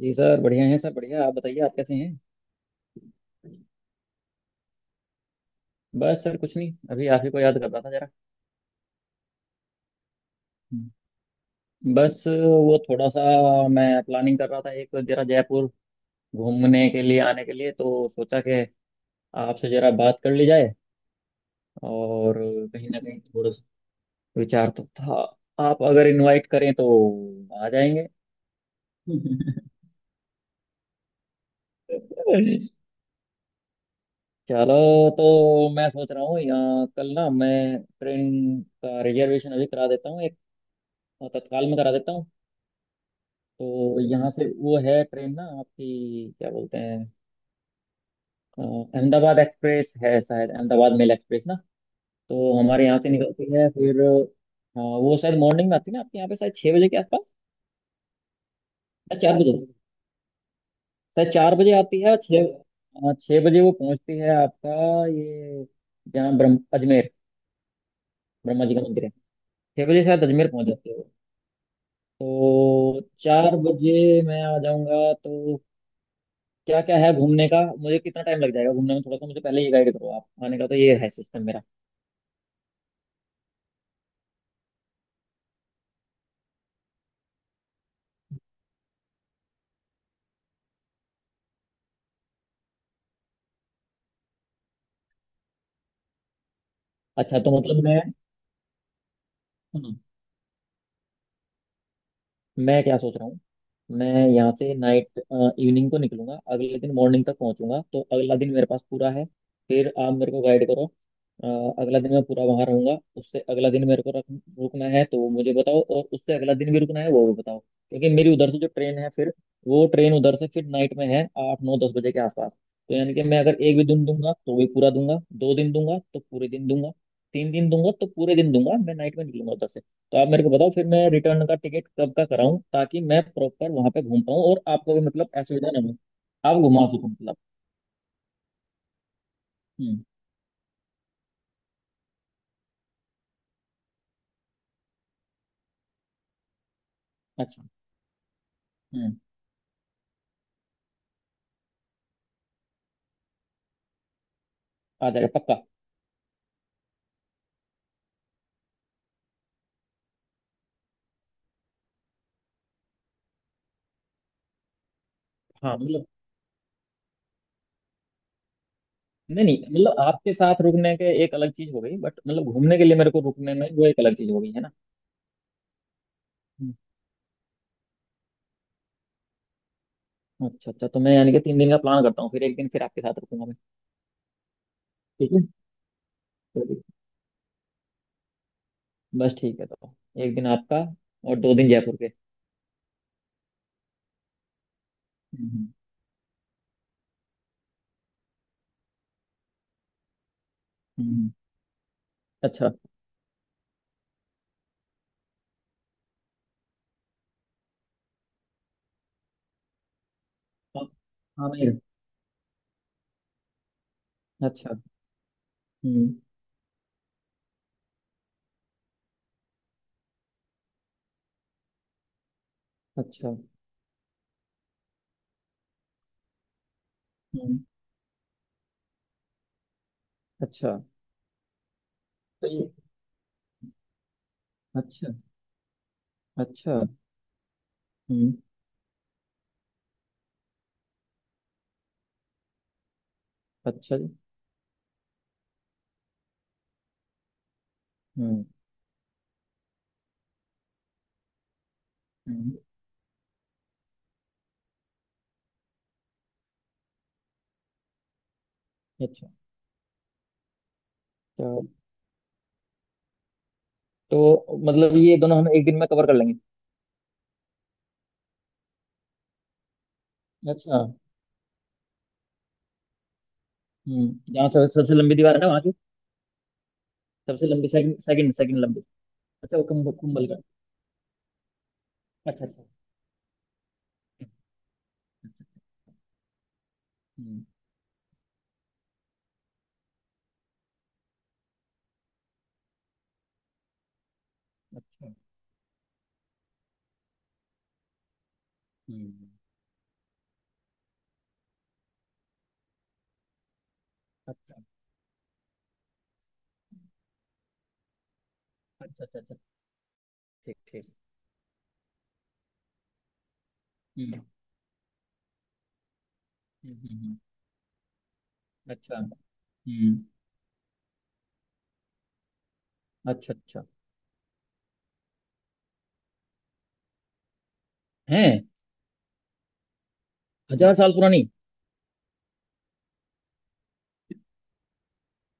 जी sir, बढ़िया हैं sir, बढ़िया। आप बताइए, आप कैसे हैं? बस सर कुछ नहीं, अभी आप ही को याद कर रहा था जरा। हम्म। बस वो थोड़ा सा मैं प्लानिंग कर रहा था एक जरा जयपुर घूमने के लिए आने के लिए, तो सोचा कि आपसे जरा बात कर ली जाए। और कहीं ना कहीं थोड़ा सा विचार तो था, आप अगर इनवाइट करें तो आ जाएंगे। चलो, तो मैं सोच रहा हूँ यहाँ कल ना मैं ट्रेन का रिजर्वेशन अभी करा देता हूँ एक, तत्काल में करा देता हूँ। तो यहाँ से वो है ट्रेन ना आपकी, क्या बोलते हैं, अ, अहमदाबाद एक्सप्रेस है शायद, अहमदाबाद मेल एक्सप्रेस ना। तो हमारे यहाँ से निकलती है, फिर वो शायद मॉर्निंग में आती है ना आपके यहाँ पे, शायद 6 बजे के आसपास। या 4 बजे, शायद 4 बजे आती है और छः, 6 बजे वो पहुँचती है आपका, ये जहाँ ब्रह्म अजमेर, ब्रह्मा जी का मंदिर है। 6 बजे शायद अजमेर पहुँच जाती है। वो तो 4 बजे मैं आ जाऊँगा, तो क्या क्या है घूमने का, मुझे कितना टाइम लग जाएगा घूमने में, थोड़ा सा मुझे पहले ये गाइड करो। आप आने का तो ये है सिस्टम मेरा। अच्छा, तो मतलब मैं, सुनो, मैं क्या सोच रहा हूँ, मैं यहाँ से नाइट, इवनिंग को निकलूंगा, अगले दिन मॉर्निंग तक पहुंचूंगा, तो अगला दिन मेरे पास पूरा है। फिर आप मेरे को गाइड करो। अगला दिन मैं पूरा वहां रहूंगा, उससे अगला दिन मेरे को रुकना है तो वो मुझे बताओ, और उससे अगला दिन भी रुकना है वो भी बताओ, क्योंकि मेरी उधर से जो ट्रेन है फिर, वो ट्रेन उधर से फिर नाइट में है, 8, 9, 10 बजे के आसपास। तो यानी कि मैं अगर एक भी दिन दूंगा तो भी पूरा दूंगा, दो दिन दूंगा तो पूरे दिन दूंगा, 3 दिन दूंगा तो पूरे दिन दूंगा। मैं नाइट में निकलूंगा उधर से। तो आप मेरे को बताओ फिर मैं रिटर्न का टिकट कब का कराऊं, ताकि मैं प्रॉपर वहां पे घूम पाऊं, और आपको भी मतलब असुविधा ना हो, आप घुमा सको मतलब। हम्म। अच्छा। हम्म। आ जाएगा पक्का। हाँ मतलब, नहीं नहीं, मतलब आपके साथ रुकने के एक अलग चीज हो गई, बट मतलब घूमने के लिए मेरे को रुकने में वो एक अलग चीज हो गई है ना। हम्म। अच्छा, अच्छा तो मैं यानी कि 3 दिन का प्लान करता हूँ फिर, एक दिन फिर आपके साथ रुकूंगा मैं। ठीक है। चलिए। बस ठीक है, तो एक दिन आपका, और 2 दिन जयपुर के। हम्म, हम्म। अच्छा। हाँ, हाँ, मैं। अच्छा। हम्म। अच्छा। हम्म। अच्छा। तो ये। अच्छा, अच्छा। हम्म। अच्छा जी। हम्म, हम्म। अच्छा। तो, तो मतलब ये दोनों हम एक दिन में कवर कर लेंगे। अच्छा। हम्म, जहाँ सबसे लंबी दीवार है ना वहाँ की। सबसे लंबी, सेकंड सेकंड सेकंड लंबी। अच्छा, वो कुंभल का। अच्छा, अच्छा, अच्छा। हम्म। अच्छा। हम्म। अच्छा, अच्छा, अच्छा, अच्छा। ठीक, ठीक। हम्म, हम्म, हम्म। अच्छा। हम्म। अच्छा, अच्छा। है? 1000 साल पुरानी?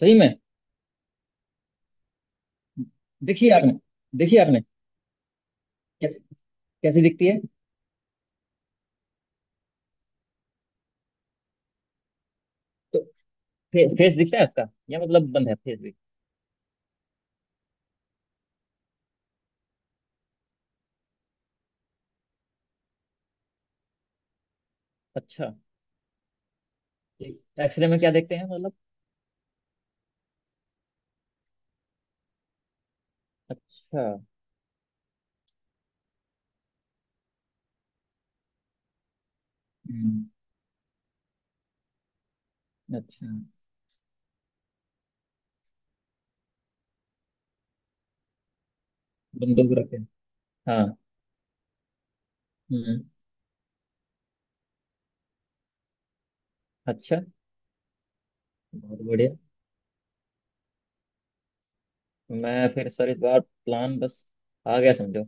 सही में? देखिए आपने देखिए आपने कैसे, कैसी दिखती है? तो फेस दिखता है उसका, या मतलब बंद है फेस भी? अच्छा, एक्सरे में क्या देखते हैं मतलब? अच्छा। हम्म। अच्छा। बंदूक रखे हैं। हाँ। हम्म। अच्छा। बहुत बढ़िया। मैं फिर सर इस बार प्लान बस, आ गया समझो।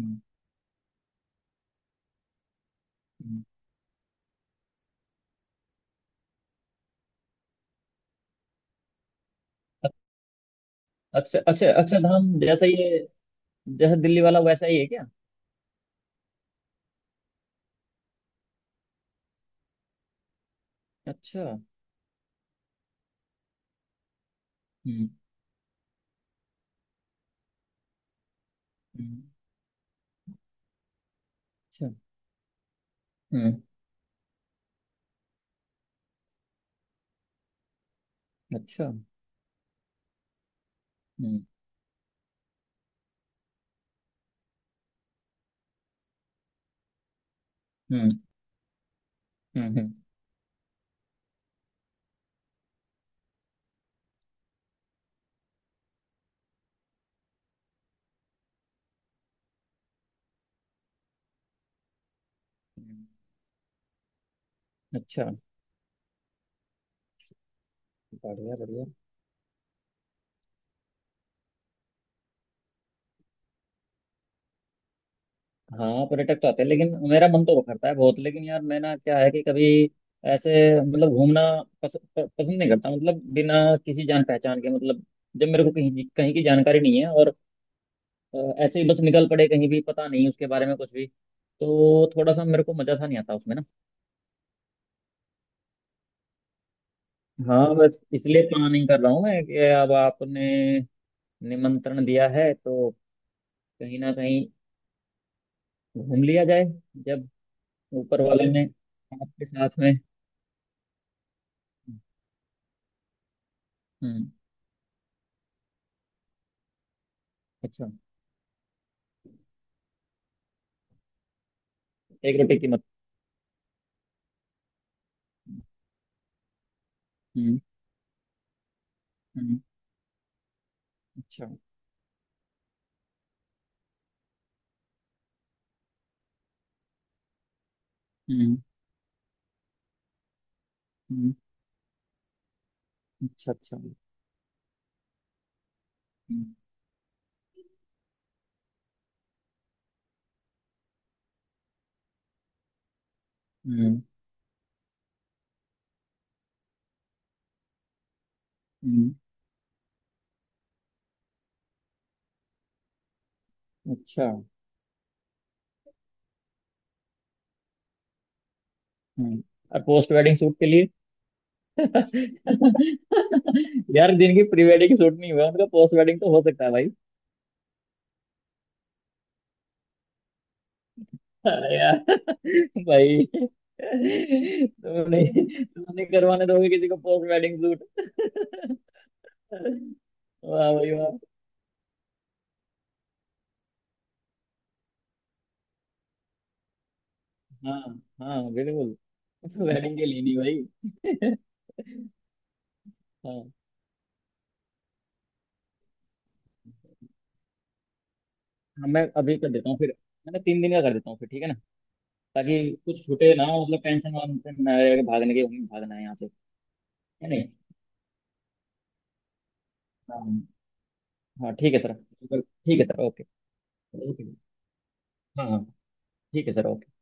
हम्म, हम्म। अक्षर अक्षर अक्षरधाम जैसा ये, जैसा दिल्ली वाला वैसा ही है क्या? अच्छा। हम्म, हम्म। अच्छा। हम्म। अच्छा। हम्म, हम्म, हम्म, हम्म। अच्छा। बढ़िया, बढ़िया। हाँ पर्यटक तो आते हैं, लेकिन मेरा मन तो करता है बहुत, लेकिन यार मैं ना क्या है कि कभी ऐसे, मतलब घूमना पसंद नहीं करता, मतलब बिना किसी जान पहचान के, मतलब जब मेरे को कहीं कहीं की जानकारी नहीं है और अ, ऐसे ही बस निकल पड़े कहीं भी, पता नहीं उसके बारे में कुछ भी, तो थोड़ा सा मेरे को मजा सा नहीं आता उसमें ना। हाँ बस इसलिए प्लानिंग कर रहा हूँ मैं कि अब आपने निमंत्रण दिया है, तो कहीं ना कहीं घूम लिया जाए, जब ऊपर वाले ने, आपके साथ में। हम्म, हम्म। अच्छा। एक रोटी की? हम्म, हम्म। अच्छा। हम्म, हम्म। अच्छा, अच्छा। हम्म, हम्म, हम्म। अच्छा। हम्म। और पोस्ट वेडिंग शूट के लिए? यार, जिनकी प्री वेडिंग शूट नहीं हुआ उनका पोस्ट वेडिंग तो हो सकता है भाई। अरे यार! भाई तुमने तुमने करवाने दोगे किसी को पोस्ट वेडिंग शूट? वाह भाई वाह। हाँ, हाँ बिल्कुल। वेडिंग के लिए नहीं भाई। हाँ। हाँ मैं अभी कर देता हूँ फिर। मैंने 3 दिन का कर देता हूँ फिर, ठीक है ना? ताकि कुछ छूटे ना, मतलब टेंशन वांशन ना रहे कि भागने के, हमें भागना है यहाँ से। है नहीं? हाँ। हाँ ठीक है सर। ठीक है सर। ओके। ओके। हाँ, हाँ। ठीक है सर। ओके।